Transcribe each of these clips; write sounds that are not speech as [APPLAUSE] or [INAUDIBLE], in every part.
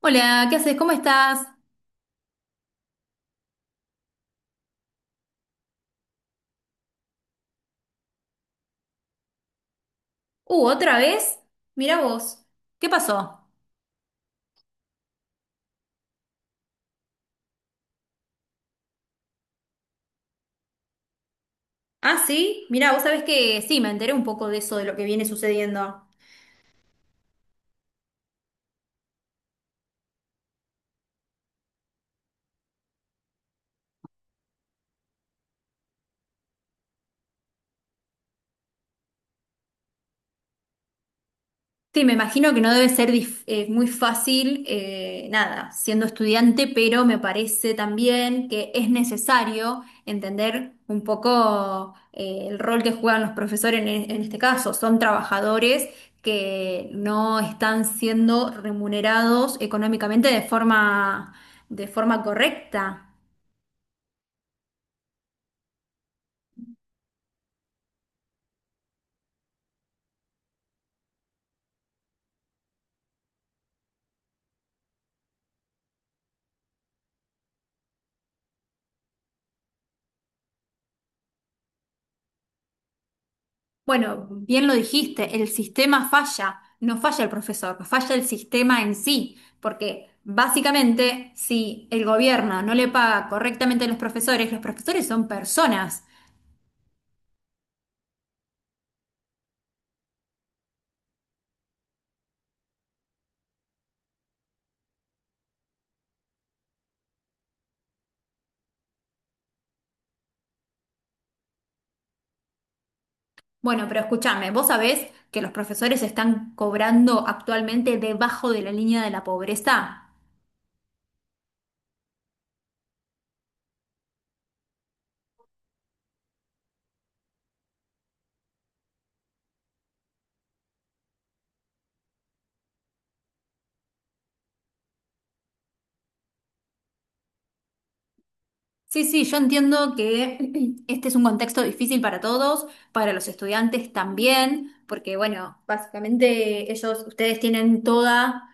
Hola, ¿qué haces? ¿Cómo estás? ¿Otra vez? Mirá vos. ¿Qué pasó? Ah, sí, mirá, vos sabés que sí, me enteré un poco de eso, de lo que viene sucediendo. Sí, me imagino que no debe ser muy fácil, nada, siendo estudiante, pero me parece también que es necesario entender un poco el rol que juegan los profesores en, en este caso. Son trabajadores que no están siendo remunerados económicamente de forma correcta. Bueno, bien lo dijiste, el sistema falla, no falla el profesor, falla el sistema en sí, porque básicamente si el gobierno no le paga correctamente a los profesores son personas. Bueno, pero escúchame, vos sabés que los profesores están cobrando actualmente debajo de la línea de la pobreza. Sí, sí, yo entiendo que [CLEARS THROAT] este es un contexto difícil para todos, para los estudiantes también, porque bueno, básicamente ellos, ustedes tienen toda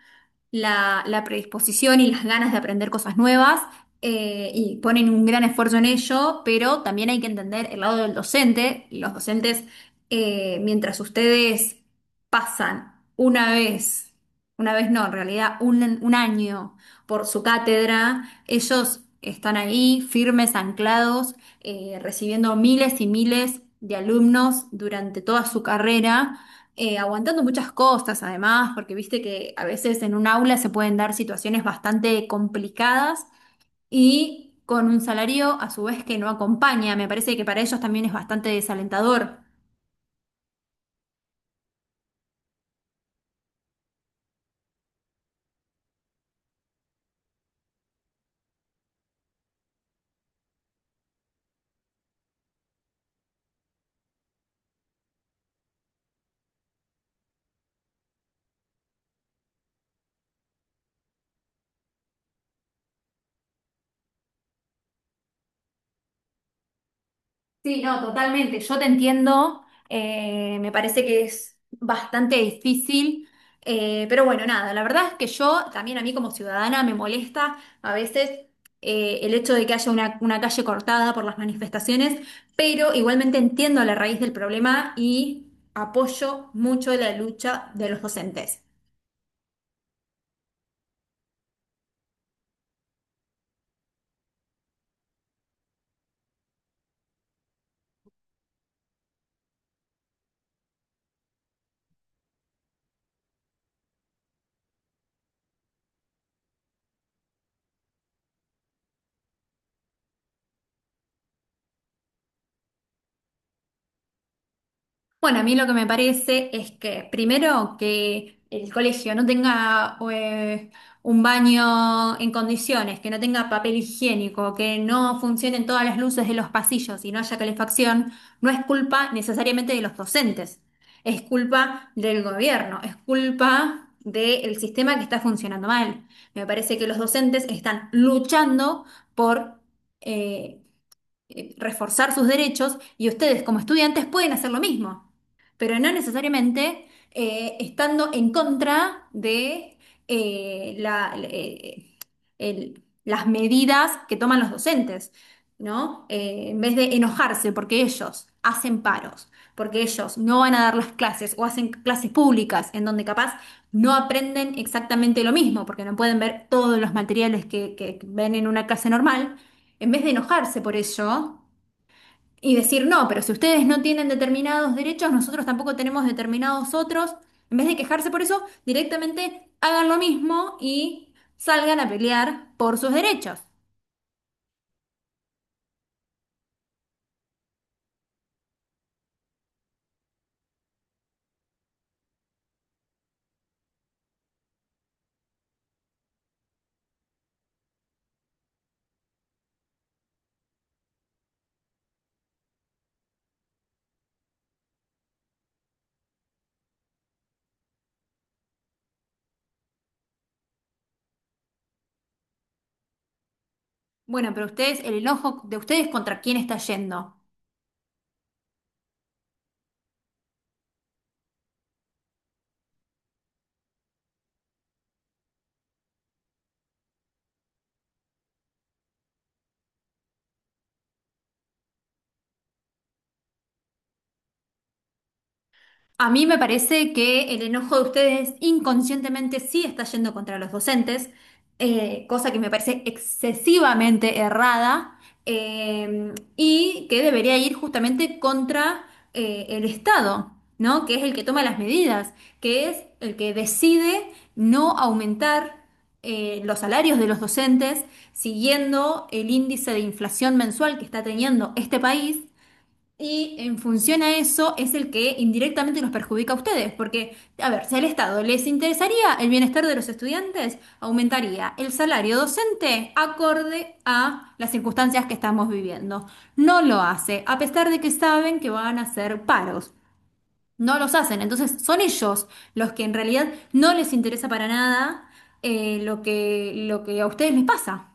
la, la predisposición y las ganas de aprender cosas nuevas, y ponen un gran esfuerzo en ello, pero también hay que entender el lado del docente. Los docentes, mientras ustedes pasan una vez no, en realidad un año por su cátedra, ellos están ahí firmes, anclados, recibiendo miles y miles de alumnos durante toda su carrera, aguantando muchas cosas además, porque viste que a veces en un aula se pueden dar situaciones bastante complicadas y con un salario a su vez que no acompaña. Me parece que para ellos también es bastante desalentador. Sí, no, totalmente. Yo te entiendo. Me parece que es bastante difícil. Pero bueno, nada, la verdad es que yo también a mí como ciudadana me molesta a veces, el hecho de que haya una calle cortada por las manifestaciones, pero igualmente entiendo la raíz del problema y apoyo mucho la lucha de los docentes. Bueno, a mí lo que me parece es que primero que el colegio no tenga, un baño en condiciones, que no tenga papel higiénico, que no funcionen todas las luces de los pasillos y no haya calefacción, no es culpa necesariamente de los docentes, es culpa del gobierno, es culpa del sistema que está funcionando mal. Me parece que los docentes están luchando por eh, reforzar sus derechos y ustedes como estudiantes pueden hacer lo mismo, pero no necesariamente, estando en contra de, eh, la- eh, las medidas que toman los docentes, ¿no? En vez de enojarse porque ellos hacen paros, porque ellos no van a dar las clases o hacen clases públicas en donde capaz no aprenden exactamente lo mismo, porque no pueden ver todos los materiales que ven en una clase normal, en vez de enojarse por ello y decir, no, pero si ustedes no tienen determinados derechos, nosotros tampoco tenemos determinados otros, en vez de quejarse por eso, directamente hagan lo mismo y salgan a pelear por sus derechos. Bueno, pero ustedes, ¿el enojo de ustedes contra quién está yendo? A mí me parece que el enojo de ustedes inconscientemente sí está yendo contra los docentes, cosa que me parece excesivamente errada, y que debería ir justamente contra, el Estado, ¿no? Que es el que toma las medidas, que es el que decide no aumentar, los salarios de los docentes siguiendo el índice de inflación mensual que está teniendo este país, y en función a eso es el que indirectamente los perjudica a ustedes, porque, a ver, si al Estado les interesaría el bienestar de los estudiantes, aumentaría el salario docente acorde a las circunstancias que estamos viviendo. No lo hace, a pesar de que saben que van a hacer paros. No los hacen, entonces son ellos los que en realidad no les interesa para nada, lo que, lo que a ustedes les pasa.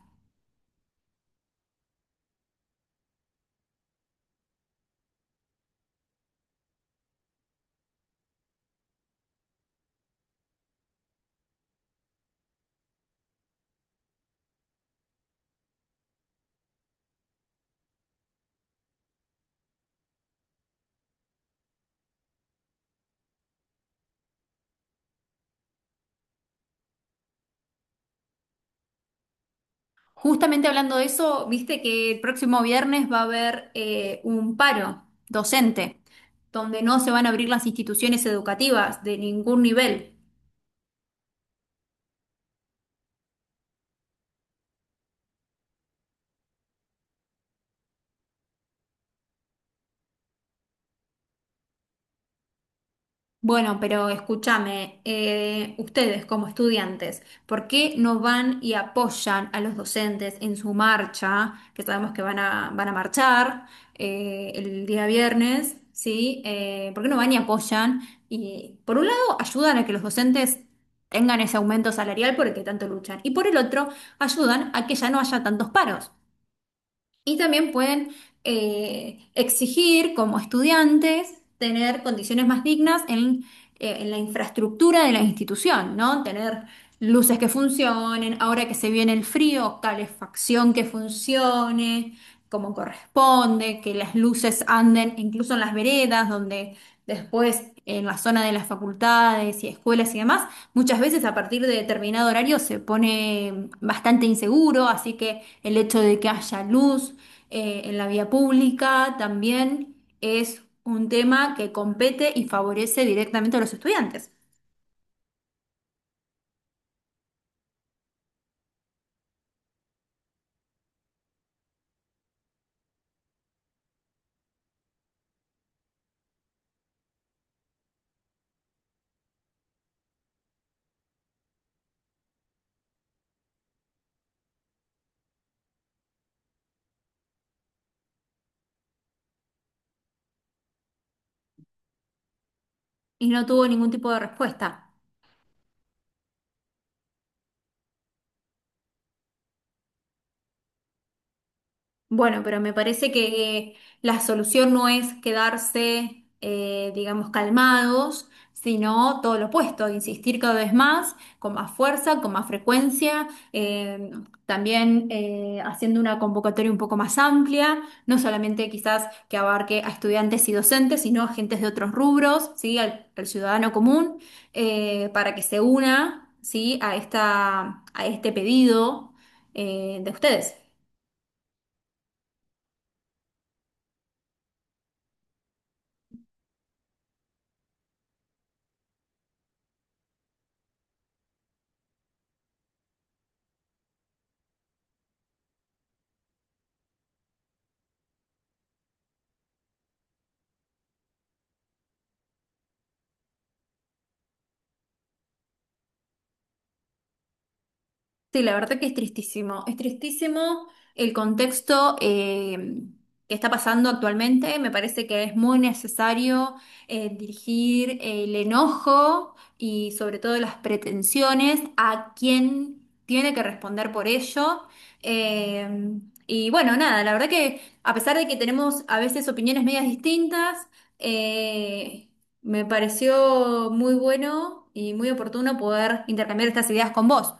Justamente hablando de eso, viste que el próximo viernes va a haber, un paro docente, donde no se van a abrir las instituciones educativas de ningún nivel. Bueno, pero escúchame, ustedes como estudiantes, ¿por qué no van y apoyan a los docentes en su marcha, que sabemos que van a, van a marchar, el día viernes, ¿sí? ¿Por qué no van y apoyan? Y por un lado, ayudan a que los docentes tengan ese aumento salarial por el que tanto luchan, y por el otro, ayudan a que ya no haya tantos paros. Y también pueden, exigir como estudiantes tener condiciones más dignas en la infraestructura de la institución, ¿no? Tener luces que funcionen, ahora que se viene el frío, calefacción que funcione como corresponde, que las luces anden incluso en las veredas donde. Después, en la zona de las facultades y escuelas y demás, muchas veces a partir de determinado horario se pone bastante inseguro, así que el hecho de que haya luz, en la vía pública también es un tema que compete y favorece directamente a los estudiantes. Y no tuvo ningún tipo de respuesta. Bueno, pero me parece que, la solución no es quedarse, digamos, calmados, sino todo lo opuesto, insistir cada vez más, con más fuerza, con más frecuencia, también, haciendo una convocatoria un poco más amplia, no solamente quizás que abarque a estudiantes y docentes, sino a agentes de otros rubros, ¿sí? Al, al ciudadano común, para que se una, ¿sí?, a esta, a este pedido, de ustedes. Sí, la verdad que es tristísimo. Es tristísimo el contexto, que está pasando actualmente. Me parece que es muy necesario, dirigir el enojo y sobre todo las pretensiones a quien tiene que responder por ello. Eh, y bueno, nada, la verdad que a pesar de que tenemos a veces opiniones medias distintas, eh, me pareció muy bueno y muy oportuno poder intercambiar estas ideas con vos.